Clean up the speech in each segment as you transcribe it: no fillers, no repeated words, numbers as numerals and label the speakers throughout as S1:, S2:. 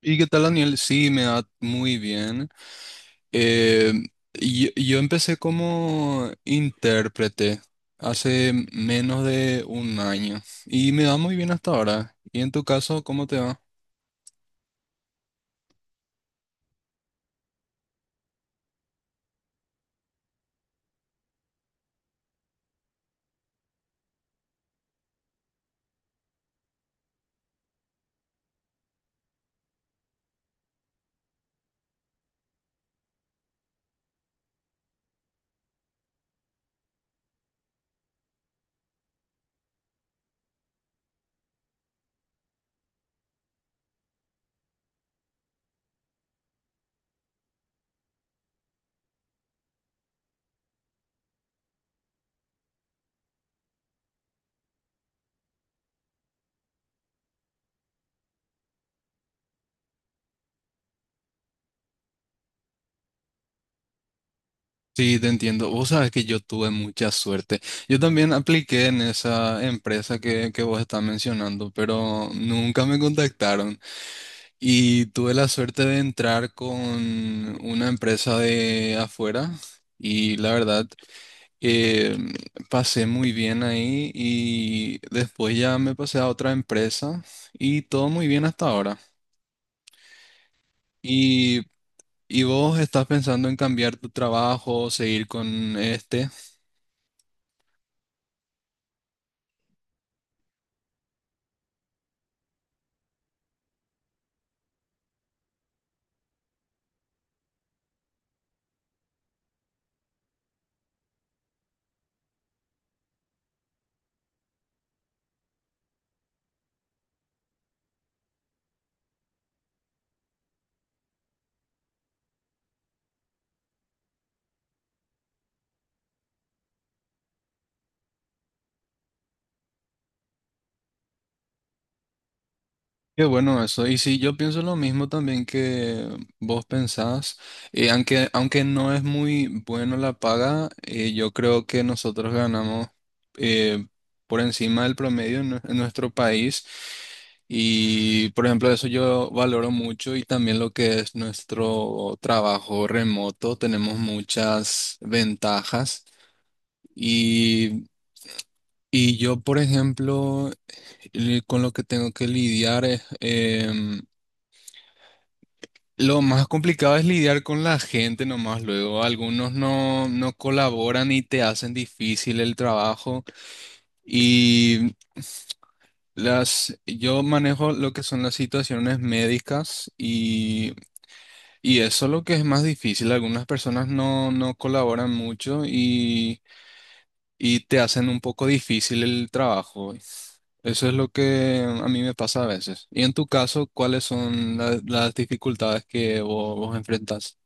S1: ¿Y qué tal, Daniel? Sí, me da muy bien. Eh, yo empecé como intérprete hace menos de un año y me va muy bien hasta ahora. ¿Y en tu caso, cómo te va? Sí, te entiendo. Vos sabes que yo tuve mucha suerte. Yo también apliqué en esa empresa que vos estás mencionando, pero nunca me contactaron. Y tuve la suerte de entrar con una empresa de afuera y la verdad... Eh, pasé muy bien ahí y después ya me pasé a otra empresa y todo muy bien hasta ahora. ¿Y, ¿y vos estás pensando en cambiar tu trabajo, seguir con este? Qué bueno eso. Y sí, yo pienso lo mismo también que vos pensás. Aunque no es muy bueno la paga, yo creo que nosotros ganamos eh, por encima del promedio en, en nuestro país. Y por ejemplo, eso yo valoro mucho y también lo que es nuestro trabajo remoto. Tenemos muchas ventajas. Y, y yo, por ejemplo, con lo que tengo que lidiar es... lo más complicado es lidiar con la gente nomás. Luego algunos no colaboran y te hacen difícil el trabajo. Y las, yo manejo lo que son las situaciones médicas y eso es lo que es más difícil. Algunas personas no colaboran mucho y te hacen un poco difícil el trabajo. Eso es lo que a mí me pasa a veces. Y en tu caso, ¿cuáles son las dificultades que vos enfrentás?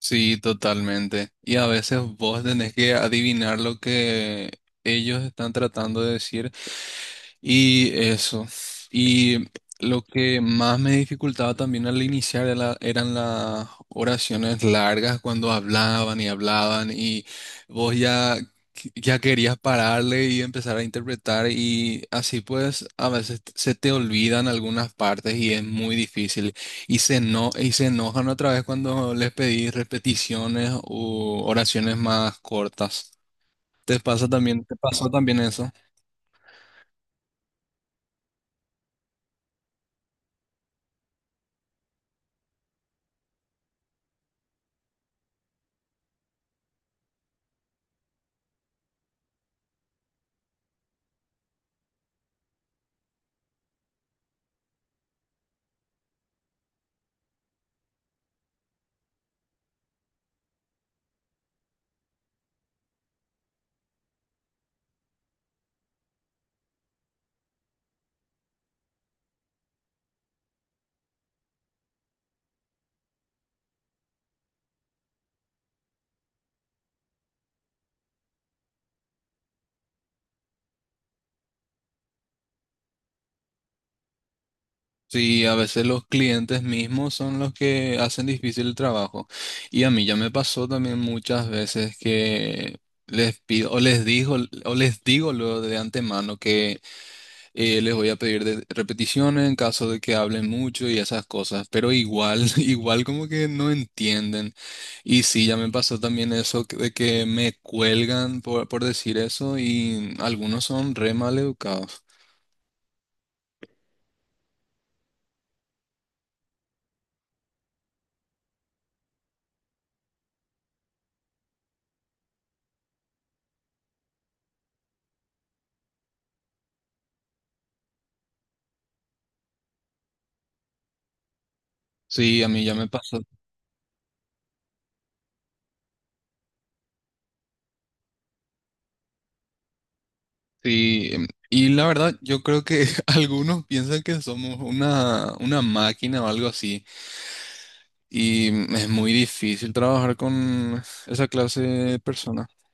S1: Sí, totalmente. Y a veces vos tenés que adivinar lo que ellos están tratando de decir. Y eso. Y lo que más me dificultaba también al iniciar eran las oraciones largas cuando hablaban y hablaban y vos ya, ya querías pararle y empezar a interpretar y así pues a veces se te olvidan algunas partes y es muy difícil. Y y se enojan otra vez cuando les pedí repeticiones u oraciones más cortas. ¿Te pasa también, te pasó también eso? Sí, a veces los clientes mismos son los que hacen difícil el trabajo. Y a mí ya me pasó también muchas veces que les pido, o les digo luego de antemano que les voy a pedir repeticiones en caso de que hablen mucho y esas cosas, pero igual, igual como que no entienden. Y sí, ya me pasó también eso de que me cuelgan por decir eso y algunos son re mal educados. Sí, a mí ya me pasó. Sí, y la verdad, yo creo que algunos piensan que somos una máquina o algo así. Y es muy difícil trabajar con esa clase de personas.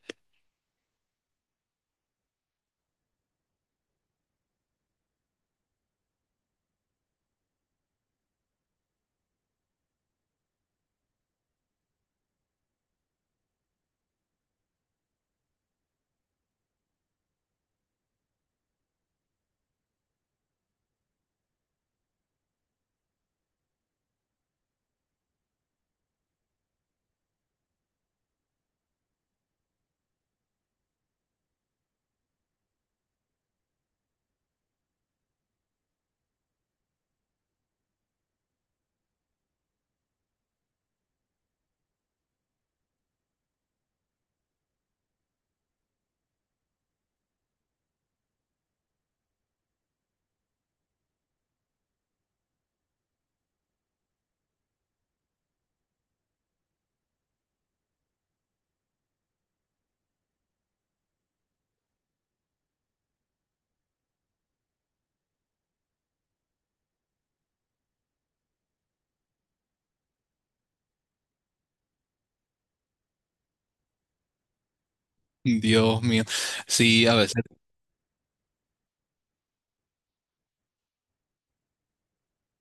S1: Dios mío. Sí, a veces.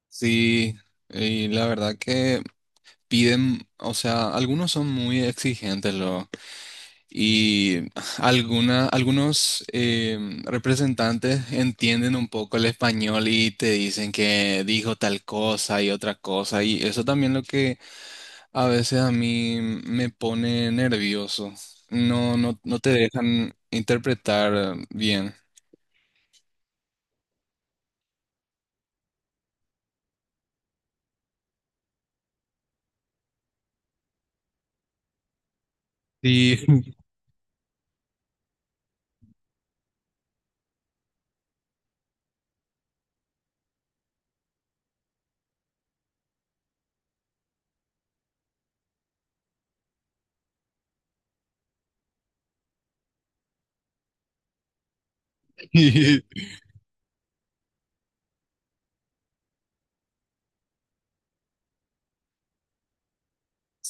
S1: Sí, y la verdad que piden, o sea, algunos son muy exigentes, lo, y algunos representantes entienden un poco el español y te dicen que dijo tal cosa y otra cosa, y eso también lo que a veces a mí me pone nervioso. No, no, no te dejan interpretar bien. Sí,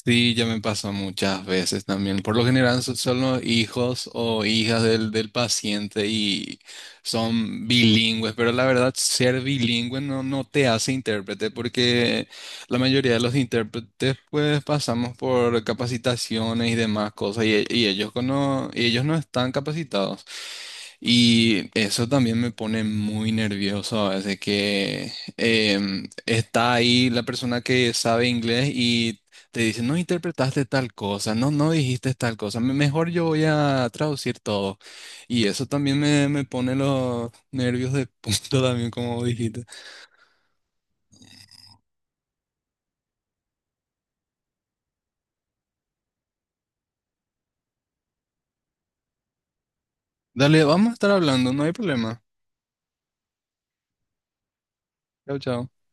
S1: sí, ya me pasó muchas veces también. Por lo general son los hijos o hijas del paciente y son bilingües, pero la verdad ser bilingüe no te hace intérprete porque la mayoría de los intérpretes pues pasamos por capacitaciones y demás cosas y ellos y ellos no están capacitados. Y eso también me pone muy nervioso a veces que está ahí la persona que sabe inglés y te dice, no interpretaste tal cosa, no, no dijiste tal cosa, mejor yo voy a traducir todo. Y eso también me pone los nervios de punto también, como dijiste. Dale, vamos a estar hablando, no hay problema. Chao, chao.